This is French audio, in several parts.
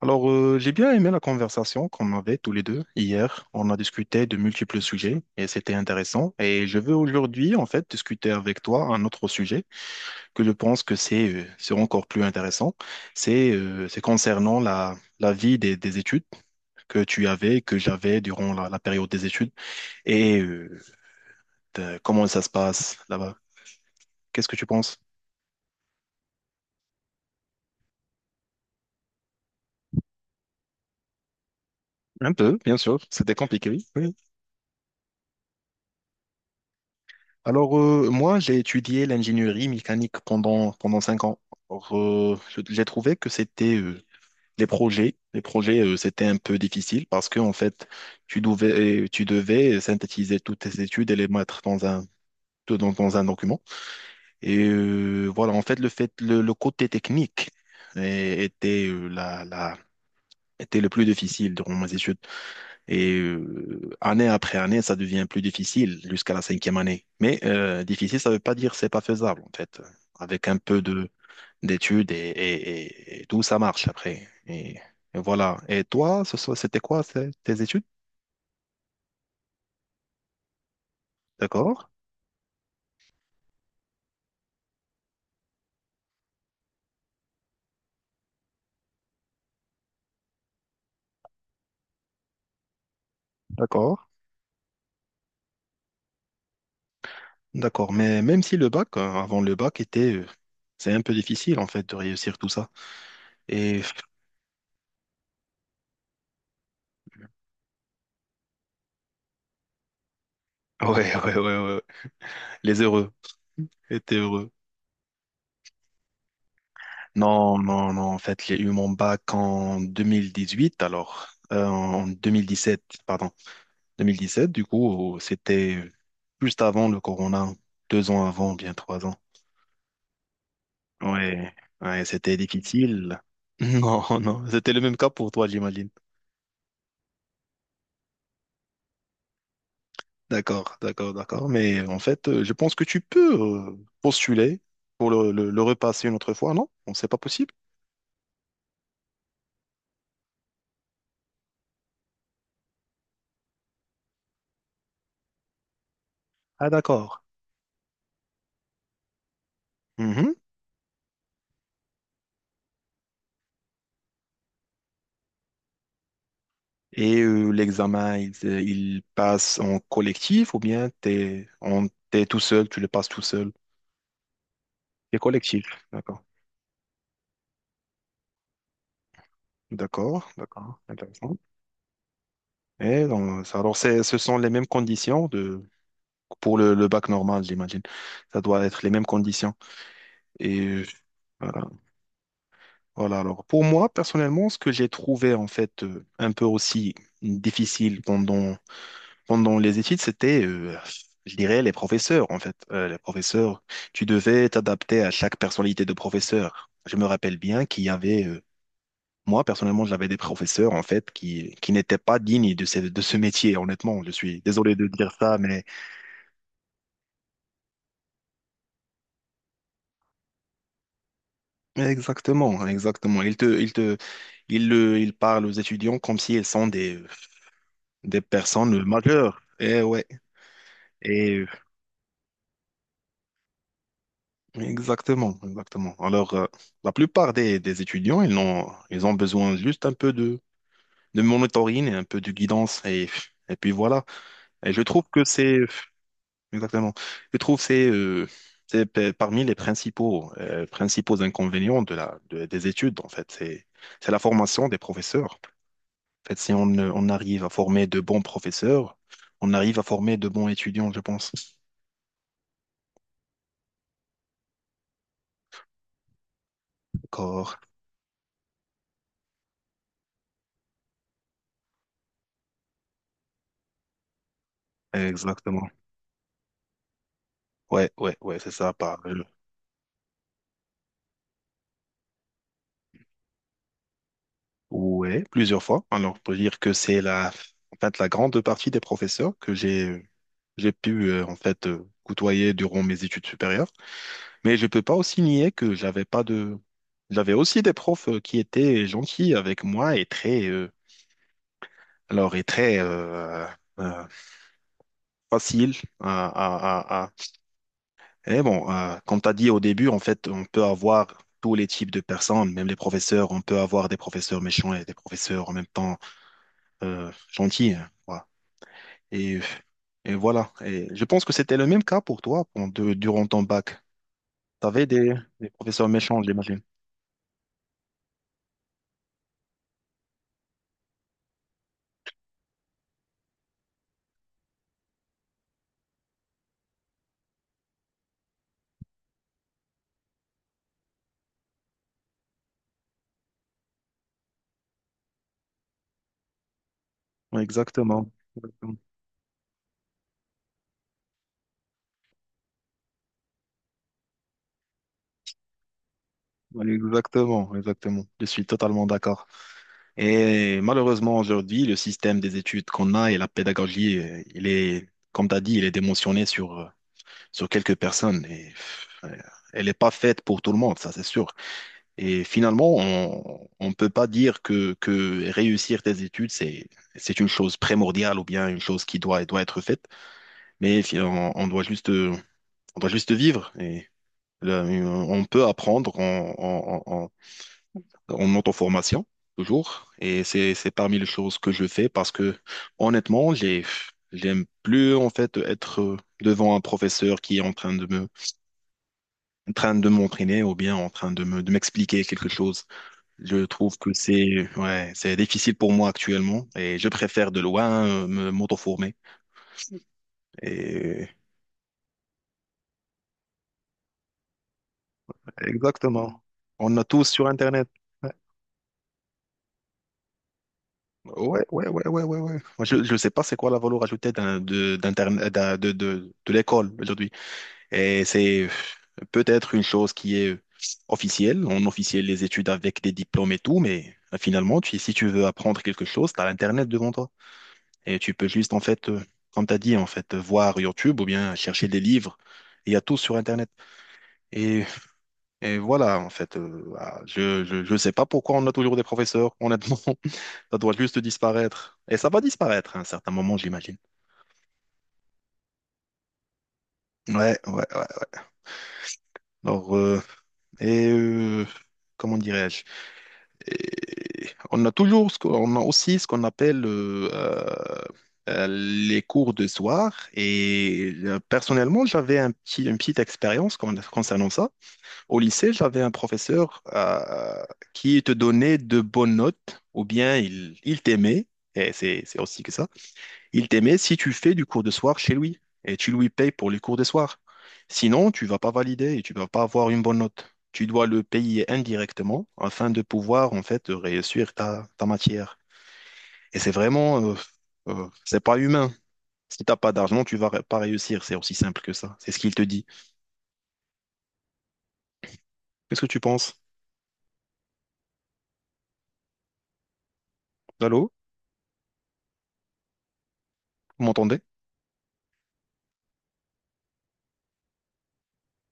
Alors, j'ai bien aimé la conversation qu'on avait tous les deux hier. On a discuté de multiples sujets et c'était intéressant. Et je veux aujourd'hui, en fait, discuter avec toi un autre sujet que je pense que c'est c'est encore plus intéressant. C'est c'est concernant la vie des études que tu avais, que j'avais durant la période des études et comment ça se passe là-bas. Qu'est-ce que tu penses? Un peu, bien sûr. C'était compliqué, oui. Alors, moi, j'ai étudié l'ingénierie mécanique pendant 5 ans. Alors, j'ai trouvé que c'était les projets. Les projets, c'était un peu difficile parce que, en fait, tu devais synthétiser toutes tes études et les mettre dans un document. Et voilà, en fait, le côté technique euh, était, euh, la, la, était le plus difficile durant mes études. Et année après année, ça devient plus difficile jusqu'à la 5e année. Mais difficile, ça ne veut pas dire c'est pas faisable, en fait. Avec un peu de d'études et tout, ça marche après. Et, voilà. Et toi, ce soir, c'était quoi tes études? D'accord, d'accord, d'accord. Mais même si le bac, avant le bac, c'est un peu difficile, en fait, de réussir tout ça. Et ouais, ouais, ouais, ouais. Les heureux étaient heureux. Non, non, non. En fait, j'ai eu mon bac en 2018, alors en 2017, pardon, 2017. Du coup, c'était juste avant le corona, 2 ans avant, bien 3 ans. Ouais, ouais, c'était difficile. Non, non, c'était le même cas pour toi, j'imagine. D'accord, d'accord, d'accord. Mais en fait, je pense que tu peux euh, postuler pour le repasser une autre fois, non? Bon, c'est pas possible. Ah, d'accord. Et l'examen, il passe en collectif ou bien t'es tout seul, tu le passes tout seul. C'est collectif, d'accord. D'accord, d'accord, intéressant. Et donc, alors, ce sont les mêmes conditions pour le bac normal, j'imagine. Ça doit être les mêmes conditions. Et voilà. Voilà, alors, pour moi, personnellement, ce que j'ai trouvé, en fait, un peu aussi difficile pendant pendant les études, c'était, je dirais, les professeurs, en fait. Les professeurs, tu devais t'adapter à chaque personnalité de professeur. Je me rappelle bien qu'il y avait, moi, personnellement, j'avais des professeurs, en fait, qui n'étaient pas dignes de ce métier, honnêtement. Je suis désolé de dire ça, mais exactement, exactement. Ils te, ils te, ils le, ils parlent aux étudiants comme s'ils sont des personnes majeures. Et ouais. Et exactement, exactement. Alors, la plupart des étudiants, ils ont besoin juste un peu de monitoring et un peu de guidance. Et puis voilà. Et je trouve que c'est, exactement, je trouve que c'est parmi les principaux inconvénients des études, en fait. C'est la formation des professeurs. En fait, si on arrive à former de bons professeurs, on arrive à former de bons étudiants, je pense. D'accord. Exactement. Ouais, ouais, ouais, c'est ça. Ouais, plusieurs fois. Alors, pour dire que c'est la, en fait, la grande partie des professeurs que j'ai pu, en fait, côtoyer durant mes études supérieures. Mais je peux pas aussi nier que j'avais pas de, j'avais aussi des profs qui étaient gentils avec moi et très, et très, euh, facile à, à, à, à- Et bon, comme tu as dit au début, en fait, on peut avoir tous les types de personnes, même les professeurs, on peut avoir des professeurs méchants et des professeurs en même temps, gentils, hein. Voilà. Et, et voilà. Et je pense que c'était le même cas pour toi durant ton bac. Tu avais des professeurs méchants, j'imagine. Exactement. Exactement. Exactement. Exactement. Je suis totalement d'accord. Et malheureusement, aujourd'hui, le système des études qu'on a et la pédagogie, il est, comme tu as dit, il est démotionné sur, sur quelques personnes. Et, pff, elle n'est pas faite pour tout le monde, ça c'est sûr. Et finalement, on ne peut pas dire que réussir tes études, c'est une chose primordiale ou bien une chose qui doit être faite. Mais on doit juste vivre. Et là, on peut apprendre en auto-formation, toujours. Et c'est parmi les choses que je fais parce que, honnêtement, j'aime plus, en fait, être devant un professeur qui est en train de m'entraîner ou bien en train de m'expliquer quelque chose. Je trouve que c'est, ouais, c'est difficile pour moi actuellement et je préfère de loin m'auto-former. Et... Exactement. On a tous sur Internet. Ouais, ouais, ouais, ouais, ouais, ouais. Moi, je ne sais pas c'est quoi la valeur ajoutée d'un, d'Internet, de l'école aujourd'hui. Et c'est peut-être une chose qui est officielle. On officielle les études avec des diplômes et tout, mais finalement, si tu veux apprendre quelque chose, tu as l'Internet devant toi. Et tu peux juste, en fait, comme tu as dit, en fait, voir YouTube ou bien chercher des livres. Il y a tout sur Internet. Et, et voilà, en fait, je sais pas pourquoi on a toujours des professeurs, honnêtement. Ça doit juste disparaître. Et ça va disparaître à un certain moment, j'imagine. Ouais, ouais, ouais. Alors, et euh, comment dirais-je? Et on a toujours, on a aussi ce qu'on appelle les cours de soir. Et personnellement, j'avais une petite expérience concernant ça. Au lycée, j'avais un professeur qui te donnait de bonnes notes, ou bien il t'aimait. Et c'est aussi que ça. Il t'aimait si tu fais du cours de soir chez lui et tu lui payes pour les cours de soir. Sinon, tu vas pas valider et tu vas pas avoir une bonne note. Tu dois le payer indirectement afin de pouvoir en fait réussir ta matière. Et c'est vraiment, c'est pas humain. Si t'as pas d'argent, tu vas pas réussir. C'est aussi simple que ça. C'est ce qu'il te dit. Qu'est-ce que tu penses? Allô? Vous m'entendez?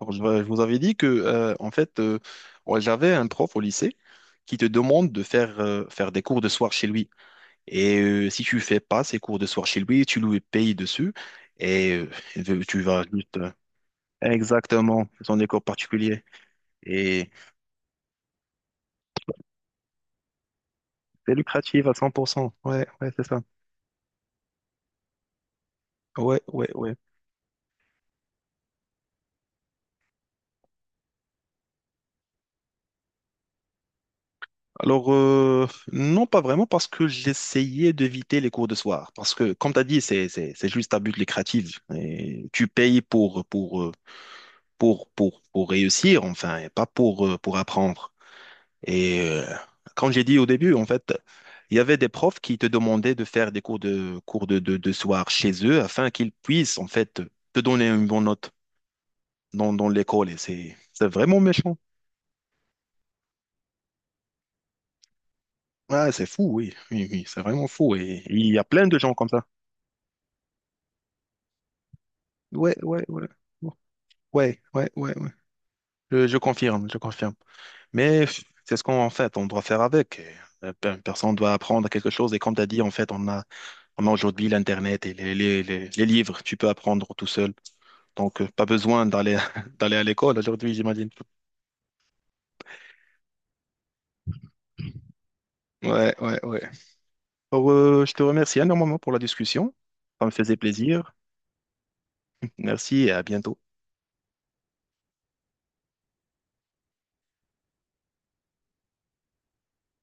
Alors, je vous avais dit que en fait, ouais, j'avais un prof au lycée qui te demande de faire faire des cours de soir chez lui. Et si tu fais pas ces cours de soir chez lui, tu lui payes dessus et tu vas juste. Exactement, ce sont des cours particuliers. Et c'est lucratif à 100%. Ouais, ouais, c'est ça. Ouais, ouais, ouais. Alors, non, pas vraiment, parce que j'essayais d'éviter les cours de soir. Parce que, comme tu as dit, c'est juste à but lucratif. Et tu payes pour réussir, enfin, et pas pour apprendre. Et comme j'ai dit au début, en fait, il y avait des profs qui te demandaient de faire des cours de soir chez eux afin qu'ils puissent en fait te donner une bonne note dans l'école. Et c'est vraiment méchant. Ah, c'est fou, oui, oui, oui, c'est vraiment fou. Et il y a plein de gens comme ça. Ouais, ouais, ouais, bon, ouais, ouais, ouais, ouais. Je confirme, je confirme. Mais pff, c'est ce qu'on en fait, on doit faire avec. Personne doit apprendre quelque chose. Et comme tu as dit, en fait, on a aujourd'hui l'Internet et les livres. Tu peux apprendre tout seul. Donc, pas besoin d'aller d'aller à l'école aujourd'hui, j'imagine. Ouais, ouais, ouais. Alors, je te remercie énormément pour la discussion. Ça me faisait plaisir. Merci et à bientôt.